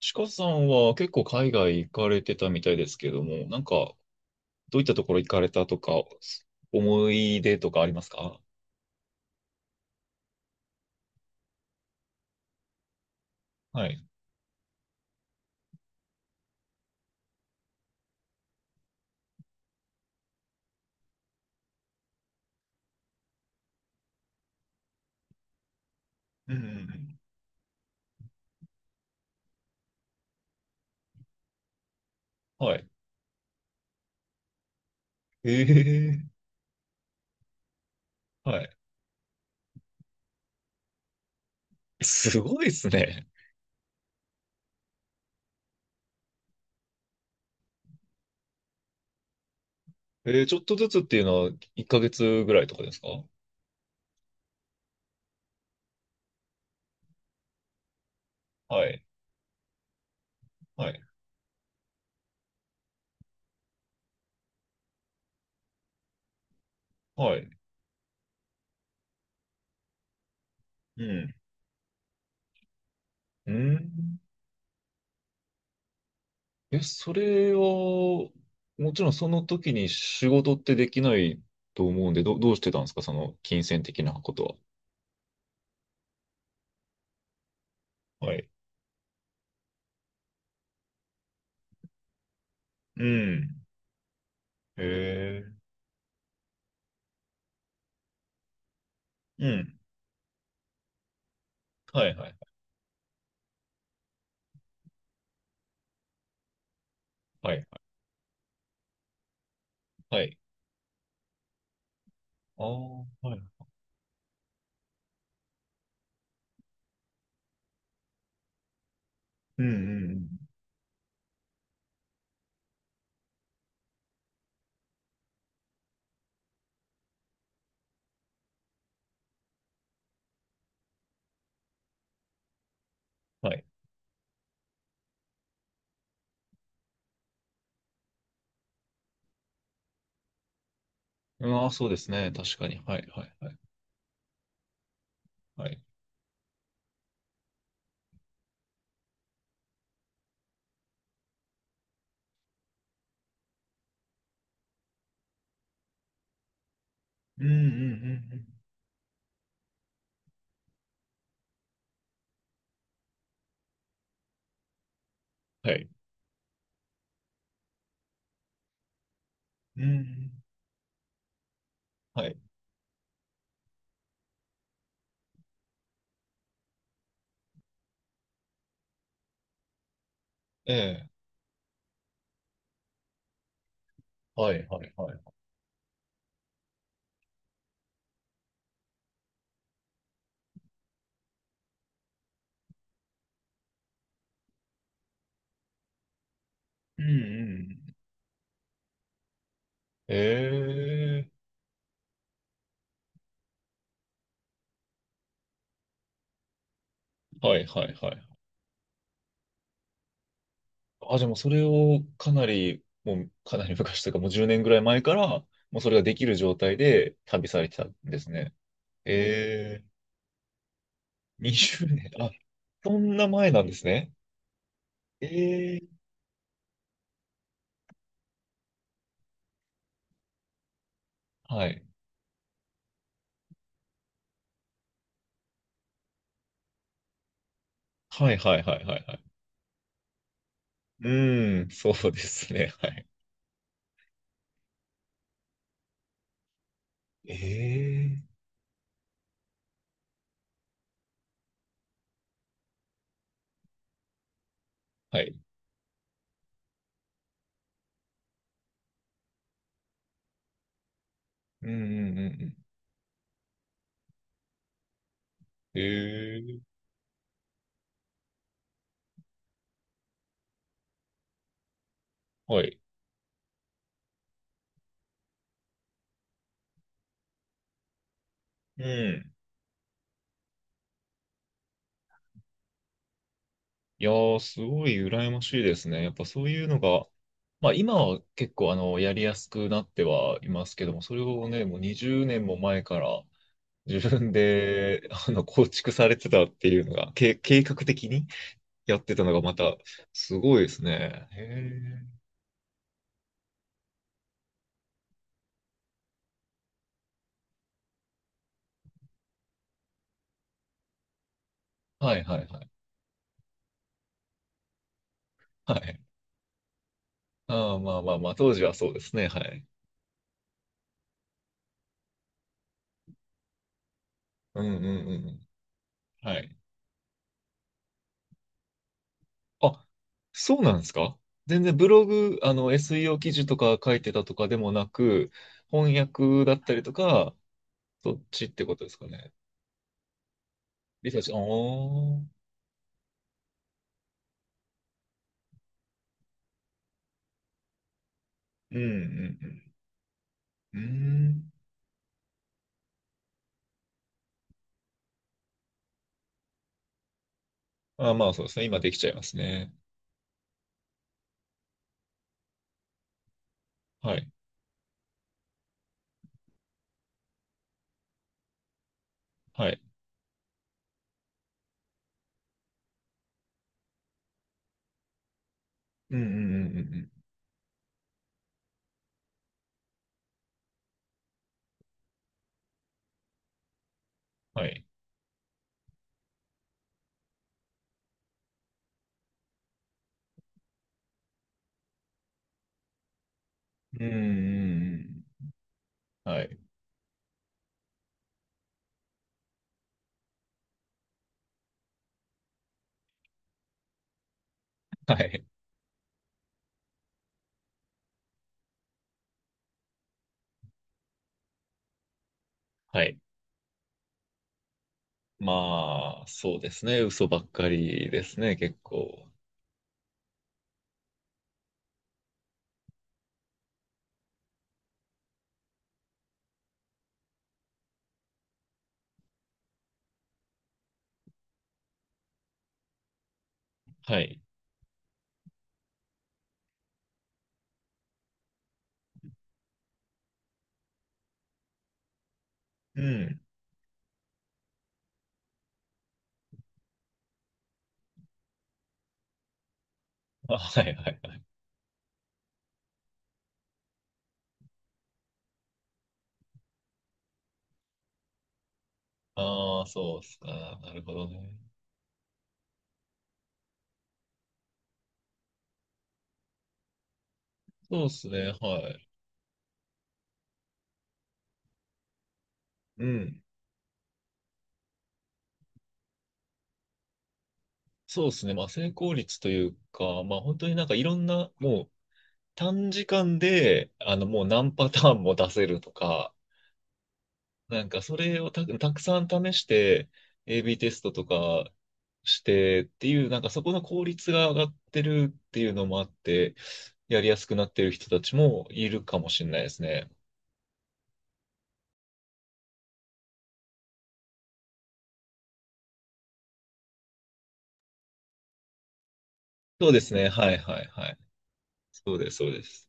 ちかさんは結構海外行かれてたみたいですけども、なんかどういったところ行かれたとか、思い出とかありますか？はい。うんうんうん。はい。ええ。はい。すごいですね。えー、ちょっとずつっていうのは1ヶ月ぐらいとかですか？はい。はい。はい。うん。うん。え、それは、もちろんその時に仕事ってできないと思うんで、どうしてたんですか、その金銭的なことは。はい。うん。へえ。うん。はいはいはい。はいはい。ああ、はい。うんうんうん。はい。ああ、そうですね。確かに。はいはいはい。はい。うんうんうんうん。はい。うんうん。はい。ええ。はいはいはい。うんうん。ええ。はいはいはい。あ、じゃあもうそれをかなり、もうかなり昔というかもう10年ぐらい前から、もうそれができる状態で旅されてたんですね。ええ。20年。あ、そんな前なんですね。ええ。はい。はいはいはいはいはい。うーん、そうですね。はい。ええ。はい。うんうんうんうん。ええ。はい。うん。いやー、すごい羨ましいですね。やっぱそういうのが、まあ今は結構あの、やりやすくなってはいますけども、それをね、もう20年も前から自分で、あの、構築されてたっていうのが、計画的にやってたのがまた、すごいですね。へえ。はいはいはい。はい。ああ、まあまあまあ、当時はそうですね。はい。うんうんうんうん。はい。あ、そうなんですか？全然ブログ、あの、SEO 記事とか書いてたとかでもなく、翻訳だったりとか、そっちってことですかね。リサーチ、ああ、うんうんうん。うん。ああ、まあそうですね。今できちゃいますね。はい。はい。うんうんうんうんうん。はい。うんうんうん。はい。はい。はい。まあ、そうですね。嘘ばっかりですね、結構。はい。うん。あ、はいはい。ああ、そうっすか。なるほどね。そうっすね。はい。うん。そうっすね。まあ、成功率というか、まあ、本当になんかいろんな、もう短時間で、あの、もう何パターンも出せるとか、なんかそれをたくさん試して、AB テストとかしてっていう、なんかそこの効率が上がってるっていうのもあって、やりやすくなってる人たちもいるかもしれないですね。そうですね。はいはいはい。そうです、そうです。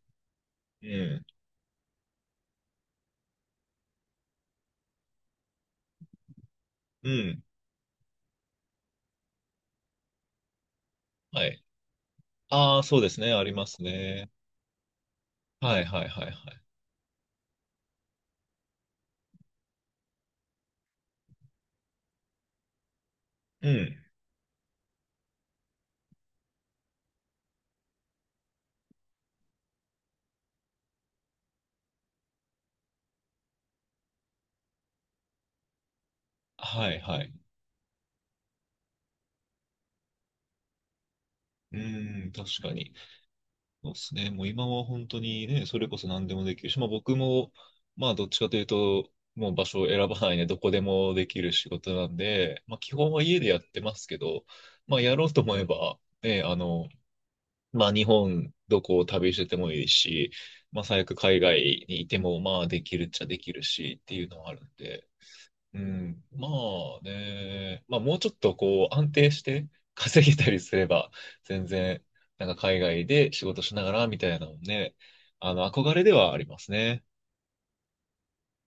うん。うん。はい。ああ、そうですね。ありますね。はいはいはいはい。うん。はいはい。うん、確かに。そうですね。もう今は本当にね、それこそ何でもできるし、まあ僕も、まあどっちかというと、もう場所を選ばないでどこでもできる仕事なんで、まあ基本は家でやってますけど、まあやろうと思えば、ね、あの、まあ日本どこを旅しててもいいし、まあ最悪海外にいてもまあできるっちゃできるしっていうのはあるんで、うん、まあね、まあもうちょっとこう安定して稼げたりすれば、全然、なんか海外で仕事しながらみたいなのもね、あの、憧れではありますね。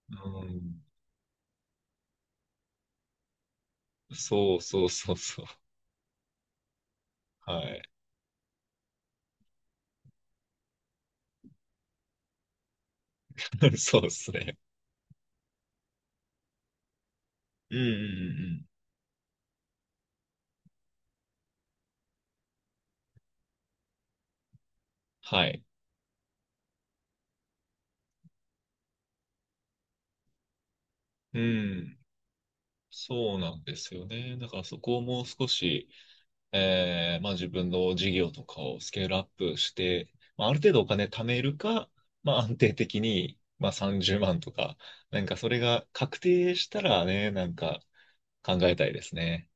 うん。そうそうそうそう。はい。そうですね。うんうんうんうん。はい。うん。そうなんですよね。だからそこをもう少し、まあ、自分の事業とかをスケールアップして、まあ、ある程度お金貯めるか、まあ、安定的に、まあ、30万とか、なんかそれが確定したらね、なんか考えたいですね。